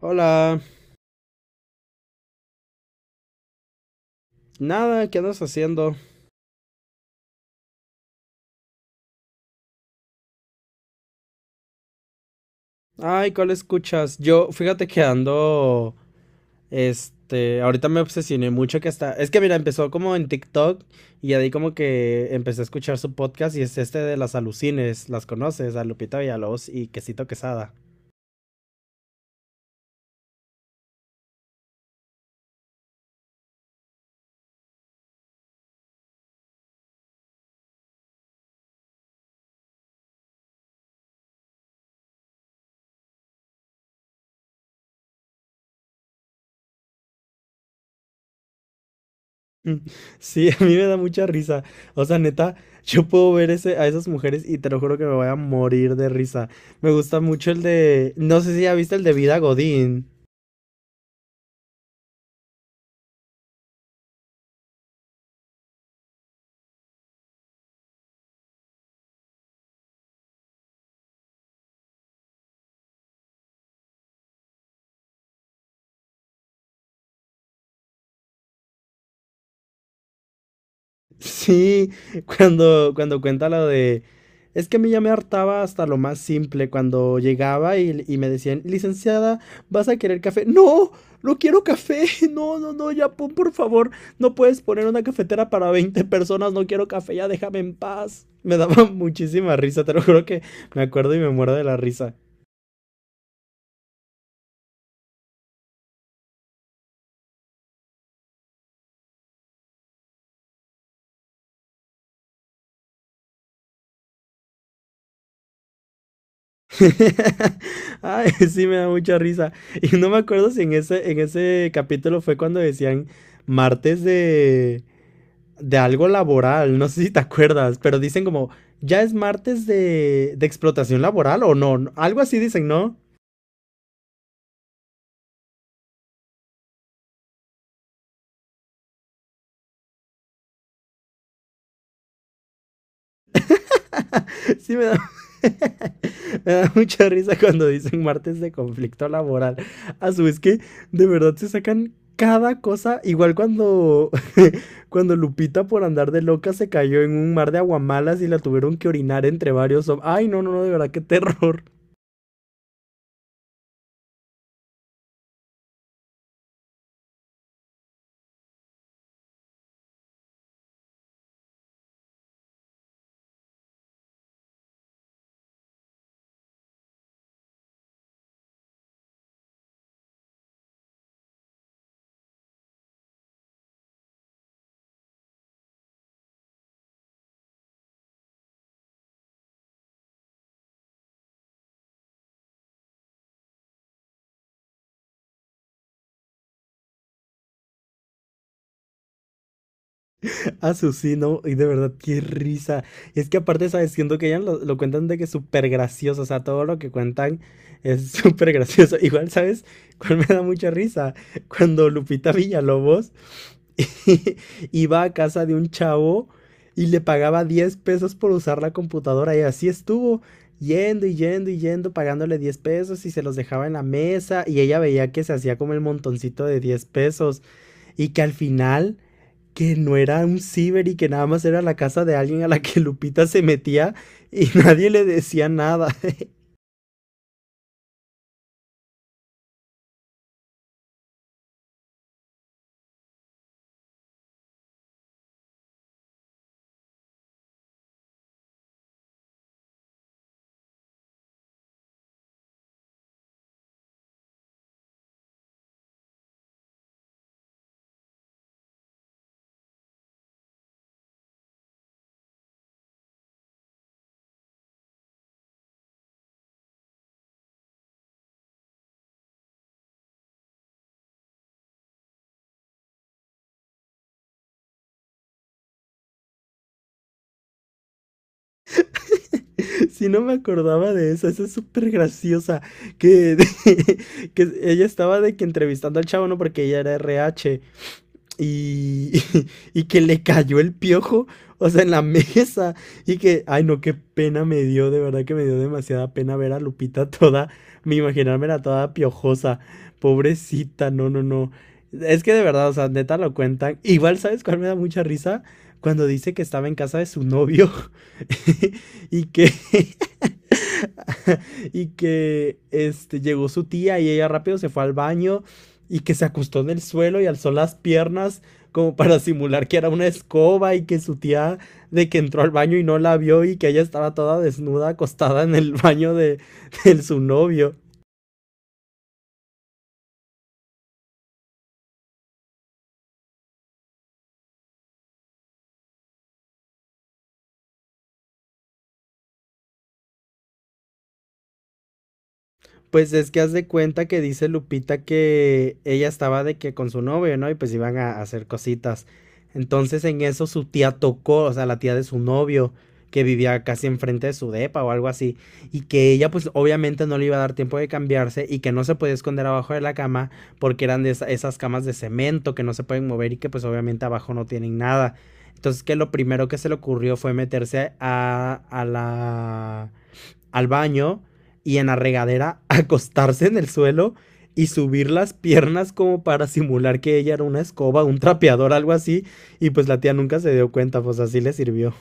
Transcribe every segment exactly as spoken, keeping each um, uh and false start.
Hola, nada, ¿qué andas haciendo? Ay, ¿cuál escuchas? Yo, fíjate que ando, este, ahorita me obsesioné mucho que hasta, es que mira, empezó como en TikTok y ahí como que empecé a escuchar su podcast y es este de las alucines, ¿las conoces? A Lupita Villalobos y Quesito Quesada. Mm, sí, a mí me da mucha risa. O sea, neta, yo puedo ver ese, a esas mujeres y te lo juro que me voy a morir de risa. Me gusta mucho el de, no sé si ya viste el de Vida Godín. Sí, cuando, cuando cuenta lo de... Es que a mí ya me hartaba hasta lo más simple cuando llegaba y, y me decían, licenciada, ¿vas a querer café? No, no quiero café. No, no, no, ya pon, por favor, no puedes poner una cafetera para veinte personas, no quiero café, ya déjame en paz. Me daba muchísima risa, te lo juro que me acuerdo y me muero de la risa. Ay, sí, me da mucha risa. Y no me acuerdo si en ese, en ese capítulo fue cuando decían martes de... de algo laboral, no sé si te acuerdas, pero dicen como, ya es martes de, de explotación laboral o no, no, algo así dicen, ¿no? Sí, me da, me da mucha risa cuando dicen martes de conflicto laboral. A su vez que de verdad se sacan cada cosa, igual cuando, cuando Lupita por andar de loca se cayó en un mar de aguamalas y la tuvieron que orinar entre varios... hom- Ay, no, no, no, de verdad, qué terror. Ah, su- sí, no, y de verdad, qué risa. Y es que aparte, ¿sabes? Siento que ya lo, lo cuentan de que es súper gracioso, o sea, todo lo que cuentan es súper gracioso. Igual, ¿sabes? ¿Cuál me da mucha risa? Cuando Lupita Villalobos iba a casa de un chavo y le pagaba diez pesos por usar la computadora y así estuvo. Yendo y yendo y yendo, pagándole diez pesos y se los dejaba en la mesa y ella veía que se hacía como el montoncito de diez pesos y que al final que no era un ciber y que nada más era la casa de alguien a la que Lupita se metía y nadie le decía nada. Si no me acordaba de eso, esa es súper graciosa. Que, que ella estaba de que entrevistando al chavo, ¿no? Porque ella era R H. Y, y que le cayó el piojo, o sea, en la mesa. Y que, ay, no, qué pena me dio, de verdad que me dio demasiada pena ver a Lupita toda, me imaginármela toda piojosa. Pobrecita, no, no, no. Es que de verdad, o sea, neta lo cuentan. Igual, ¿sabes cuál me da mucha risa? Cuando dice que estaba en casa de su novio y que y que este, llegó su tía y ella rápido se fue al baño y que se acostó en el suelo y alzó las piernas como para simular que era una escoba y que su tía de que entró al baño y no la vio y que ella estaba toda desnuda acostada en el baño de, de su novio. Pues es que haz de cuenta que dice Lupita que ella estaba de que con su novio, ¿no? Y pues iban a, a hacer cositas. Entonces en eso su tía tocó, o sea, la tía de su novio, que vivía casi enfrente de su depa o algo así, y que ella pues obviamente no le iba a dar tiempo de cambiarse y que no se podía esconder abajo de la cama porque eran de esa- esas camas de cemento que no se pueden mover y que pues obviamente abajo no tienen nada. Entonces que lo primero que se le ocurrió fue meterse a, a la al baño y en la regadera acostarse en el suelo y subir las piernas como para simular que ella era una escoba, un trapeador, algo así. Y pues la tía nunca se dio cuenta, pues así le sirvió.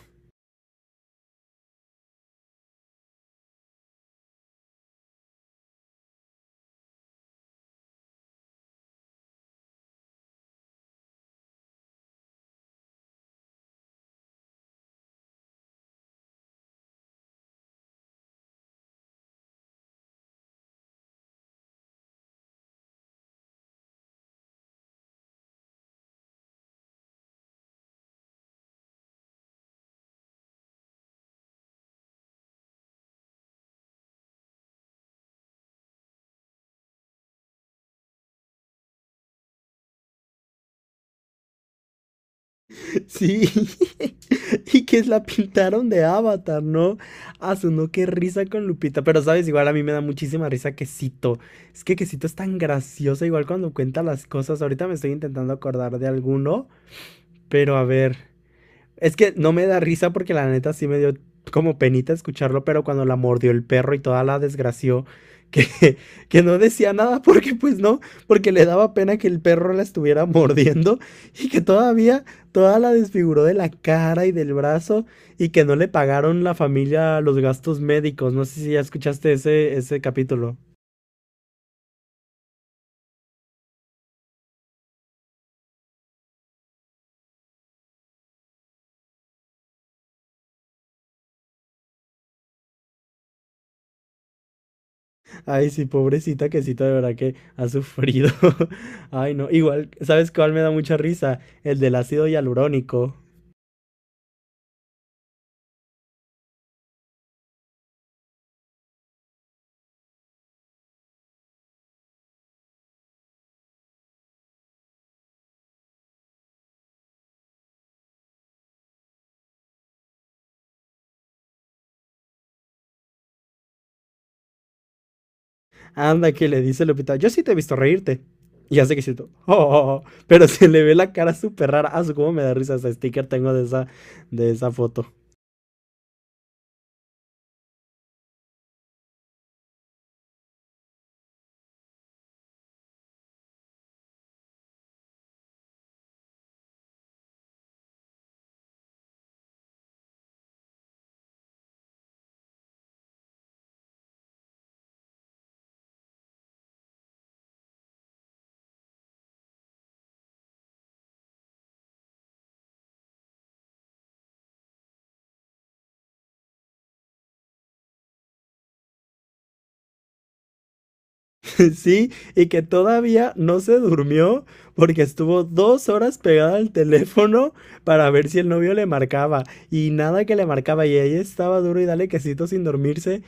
Sí. Y que la pintaron de avatar, ¿no? Asunó, qué risa con Lupita. Pero sabes, igual a mí me da muchísima risa Quesito. Es que Quesito es tan graciosa, igual cuando cuenta las cosas. Ahorita me estoy intentando acordar de alguno. Pero a ver, es que no me da risa porque la neta sí me dio como penita escucharlo, pero cuando la mordió el perro y toda la desgració, que, que no decía nada porque pues no, porque le daba pena que el perro la estuviera mordiendo y que todavía toda la desfiguró de la cara y del brazo y que no le pagaron la familia los gastos médicos. No sé si ya escuchaste ese, ese capítulo. Ay, sí, pobrecita quesita, de verdad que ha sufrido. Ay, no, igual, ¿sabes cuál me da mucha risa? El del ácido hialurónico. Anda, que le dice Lupita, yo sí te he visto reírte. Y hace que siento, oh, oh, oh, pero se le ve la cara súper rara. Ah, su cómo me da risa ese sticker tengo de esa, de esa foto. Sí, y que todavía no se durmió porque estuvo dos horas pegada al teléfono para ver si el novio le marcaba y nada que le marcaba y ella estaba duro y dale quesito sin dormirse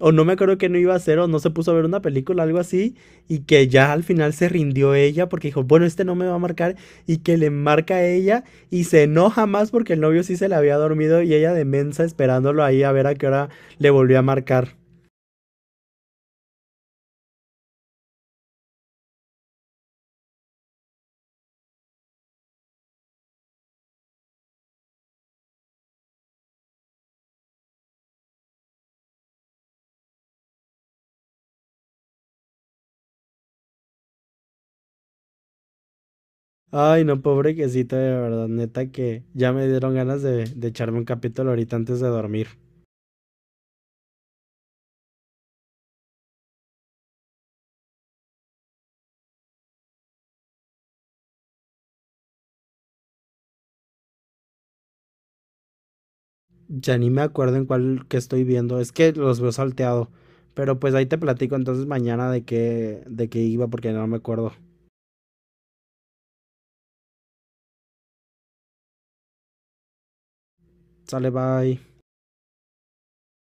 o no me acuerdo que no iba a hacer o no se puso a ver una película, algo así y que ya al final se rindió ella porque dijo, bueno, este no me va a marcar y que le marca a ella y se enoja más porque el novio sí se le había dormido y ella de mensa esperándolo ahí a ver a qué hora le volvió a marcar. Ay, no, pobre quesito, de verdad, neta que ya me dieron ganas de, de echarme un capítulo ahorita antes de dormir. Ya ni me acuerdo en cuál que estoy viendo, es que los veo salteado. Pero pues ahí te platico entonces mañana de qué, de qué iba porque no me acuerdo. Sale, bye.